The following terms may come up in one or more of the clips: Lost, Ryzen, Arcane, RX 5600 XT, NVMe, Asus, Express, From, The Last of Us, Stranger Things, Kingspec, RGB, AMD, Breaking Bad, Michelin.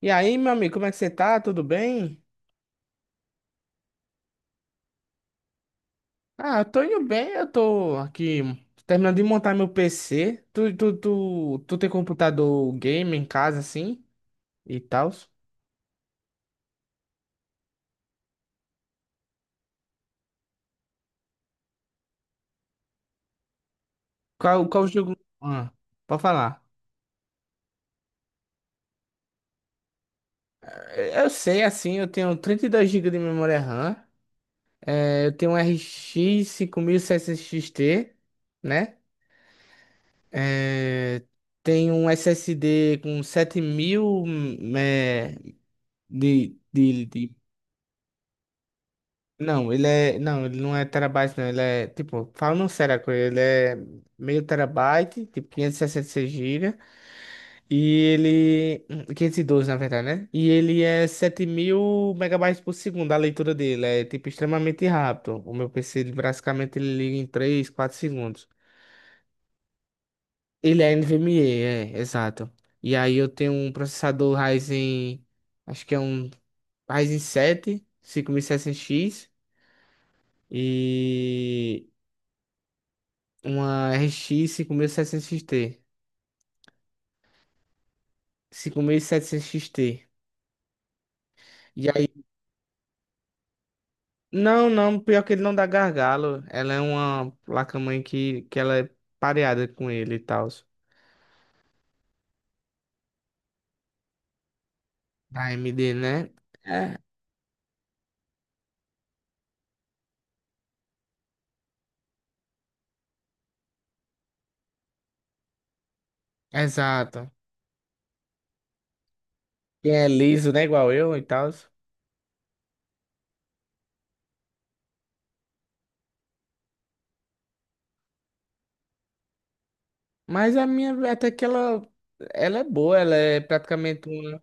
E aí, meu amigo, como é que você tá? Tudo bem? Ah, eu tô indo bem, eu tô aqui terminando de montar meu PC. Tu tem computador game em casa, assim, e tal? Qual jogo? Ah, pode falar. Eu sei, assim, eu tenho 32 gigas de memória RAM, eu tenho um RX 5600 XT, né? Eh, Tenho um SSD com 7000, eh, de Não, ele é. Não, ele não é terabyte, não. Ele é. Tipo, falando sério, a coisa, ele é meio terabyte, tipo 566 GB. E seis gigas. E ele, 512, na verdade, né? E ele é 7000 megabytes por segundo, a leitura dele. É, tipo, extremamente rápido. O meu PC, ele, basicamente, ele liga em 3, 4 segundos. Ele é NVMe, é, exato. E aí eu tenho um processador Ryzen. Acho que é um Ryzen 7, setecentos x. E uma RX 5600 XT. 5700 XT. E setecentos X T. E aí, não, não, pior que ele não dá gargalo. Ela é uma placa-mãe que ela é pareada com ele e tal. Da AMD, né? É, exato. Quem é liso, né? Igual eu e tal. Mas a minha, até que ela, é boa, ela é praticamente uma.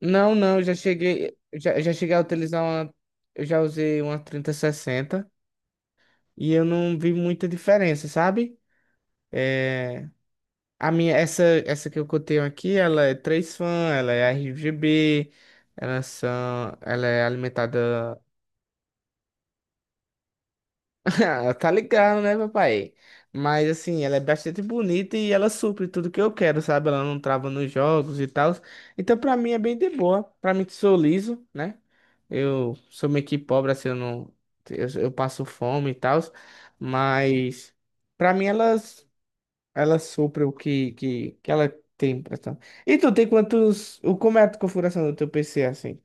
Não, não, eu já cheguei, já cheguei a utilizar uma. Eu já usei uma 3060 e eu não vi muita diferença, sabe? É, a minha, essa que eu tenho aqui, ela é três fan, ela é RGB, ela, são, ela é alimentada. Tá ligado, né, papai? Mas assim, ela é bastante bonita e ela supre tudo que eu quero, sabe? Ela não trava nos jogos e tal. Então, pra mim, é bem de boa. Pra mim, que sou liso, né? Eu sou meio que pobre, assim, eu não. Eu passo fome e tal. Mas, pra mim, elas. Ela sopra o que, que ela tem pra tá. E tu tem quantos. Como é a configuração do teu PC assim?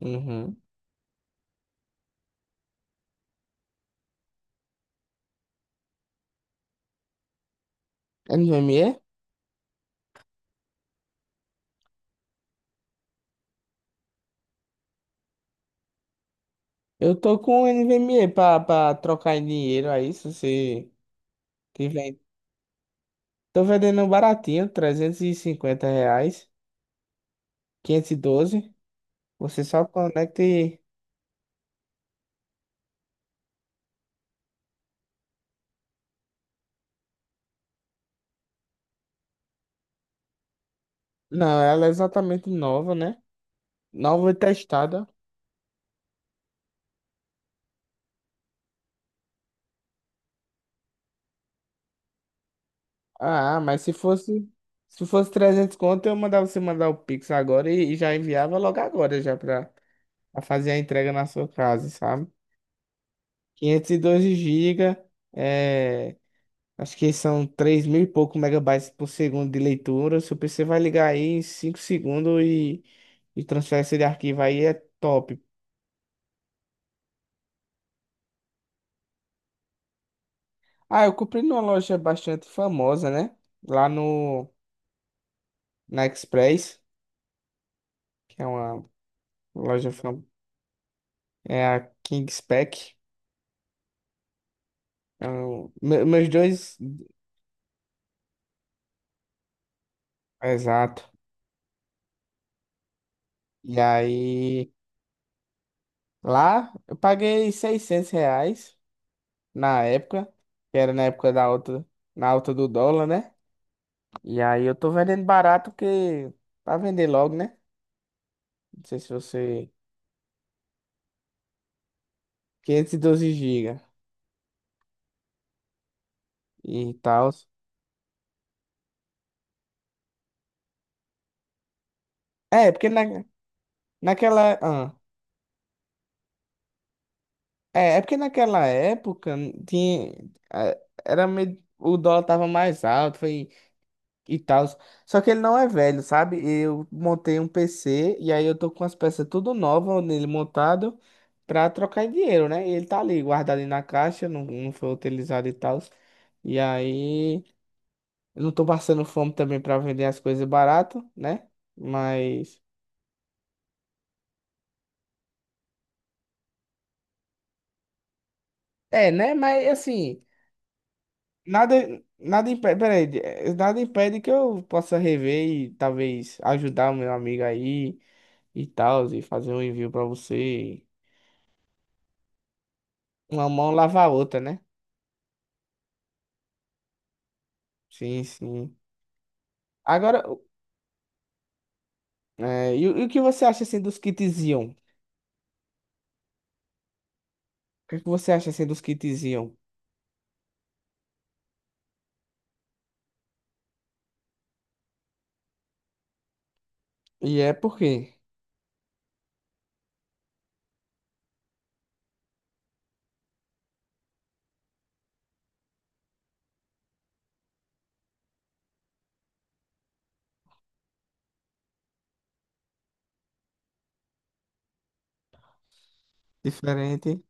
Uhum. NVMe? Eu tô com NVMe pra trocar em dinheiro aí, se você tiver. Tô vendendo um baratinho, R$ 350, 512. Você só conecta e. Não, ela é exatamente nova, né? Nova e testada. Ah, mas se fosse. Se fosse 300 conto, eu mandava você mandar o Pix agora e já enviava logo agora já pra. Pra fazer a entrega na sua casa, sabe? 512 GB, é, acho que são 3000 e pouco megabytes por segundo de leitura. Seu PC vai ligar aí em 5 segundos e transferência de arquivo aí é top. Ah, eu comprei numa loja bastante famosa, né? Lá no, na Express, que é uma loja famosa, é a Kingspec. Meus dois, exato. E aí, lá eu paguei R$ 600 na época, que era na época da alta, na alta do dólar, né? E aí eu tô vendendo barato que pra vender logo, né? Não sei se você 512 GB e tal. É porque naquela, é porque naquela época tinha, é, era meio, o dólar tava mais alto, foi e tal. Só que ele não é velho, sabe? Eu montei um PC e aí eu tô com as peças tudo nova nele montado pra trocar em dinheiro, né? E ele tá ali guardado ali na caixa, não, não foi utilizado e tal. E aí eu não tô passando fome também pra vender as coisas barato, né? Mas é, né? Mas assim, nada impede, peraí, nada impede que eu possa rever e talvez ajudar o meu amigo aí. E tal, e fazer um envio pra você. Uma mão lava a outra, né? Sim, sim. Agora, é, e o que você acha assim dos kits Ion? O que é que você acha assim dos kits Ion? E é por quê? Diferente.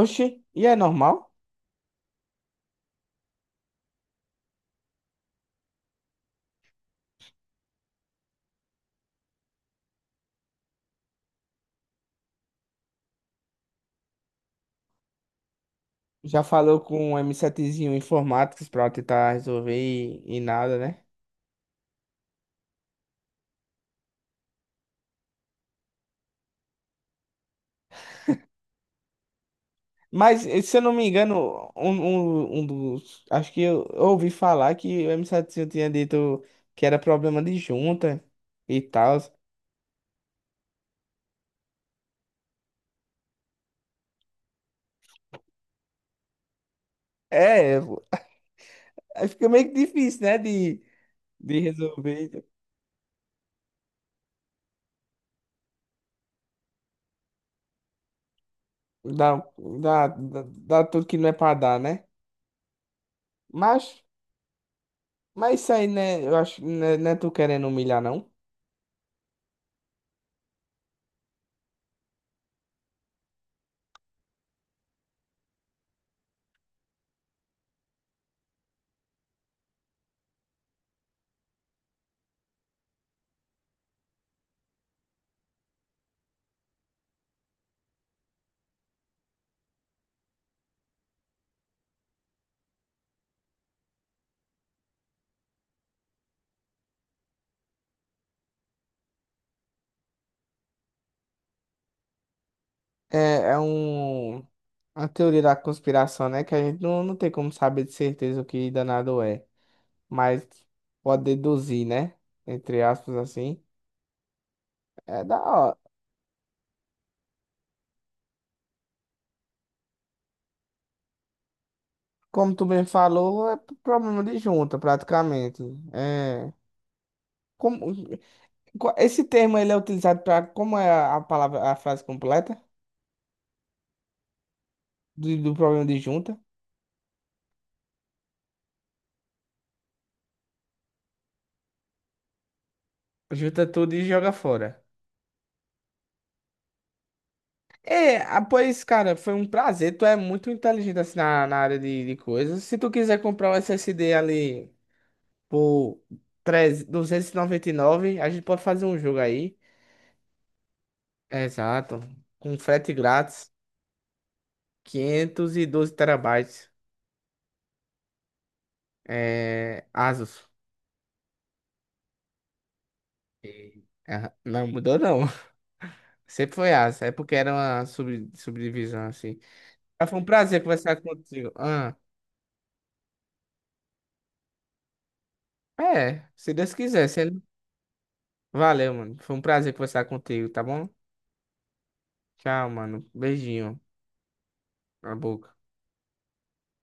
Oxi, e é normal? Já falou com um m setezinho zinho informáticos pra tentar resolver e nada, né? Mas, se eu não me engano, um dos. Acho que eu ouvi falar que o m setezinho tinha dito que era problema de junta e tal. É, eu- aí fica meio que difícil, né? De resolver, dar, dar, dar, dar tudo que não é pra dar, né? Mas, mas isso aí, né? Eu acho, né, não é tu querendo humilhar, não. É, é um, uma teoria da conspiração, né? Que a gente não tem como saber de certeza o que danado é. Mas pode deduzir, né? Entre aspas, assim. É da hora. Como tu bem falou, é p- problema de junta, praticamente. É. Como, qual- esse termo ele é utilizado para. Como é a palavra, a frase completa? Do, do problema de junta. Junta tudo e joga fora. É, ah, pois, cara, foi um prazer. Tu é muito inteligente assim na área de coisas. Se tu quiser comprar um SSD ali por treze duzentos e noventa e nove, a gente pode fazer um jogo aí. Exato. Com frete grátis, 512 terabytes. É, Asus. É, não mudou, não. Sempre foi Asus. É porque era uma sub, subdivisão assim. Mas foi um prazer conversar contigo. Ah, é, se Deus quiser. Se Valeu, mano. Foi um prazer conversar contigo, tá bom? Tchau, mano. Beijinho na boca.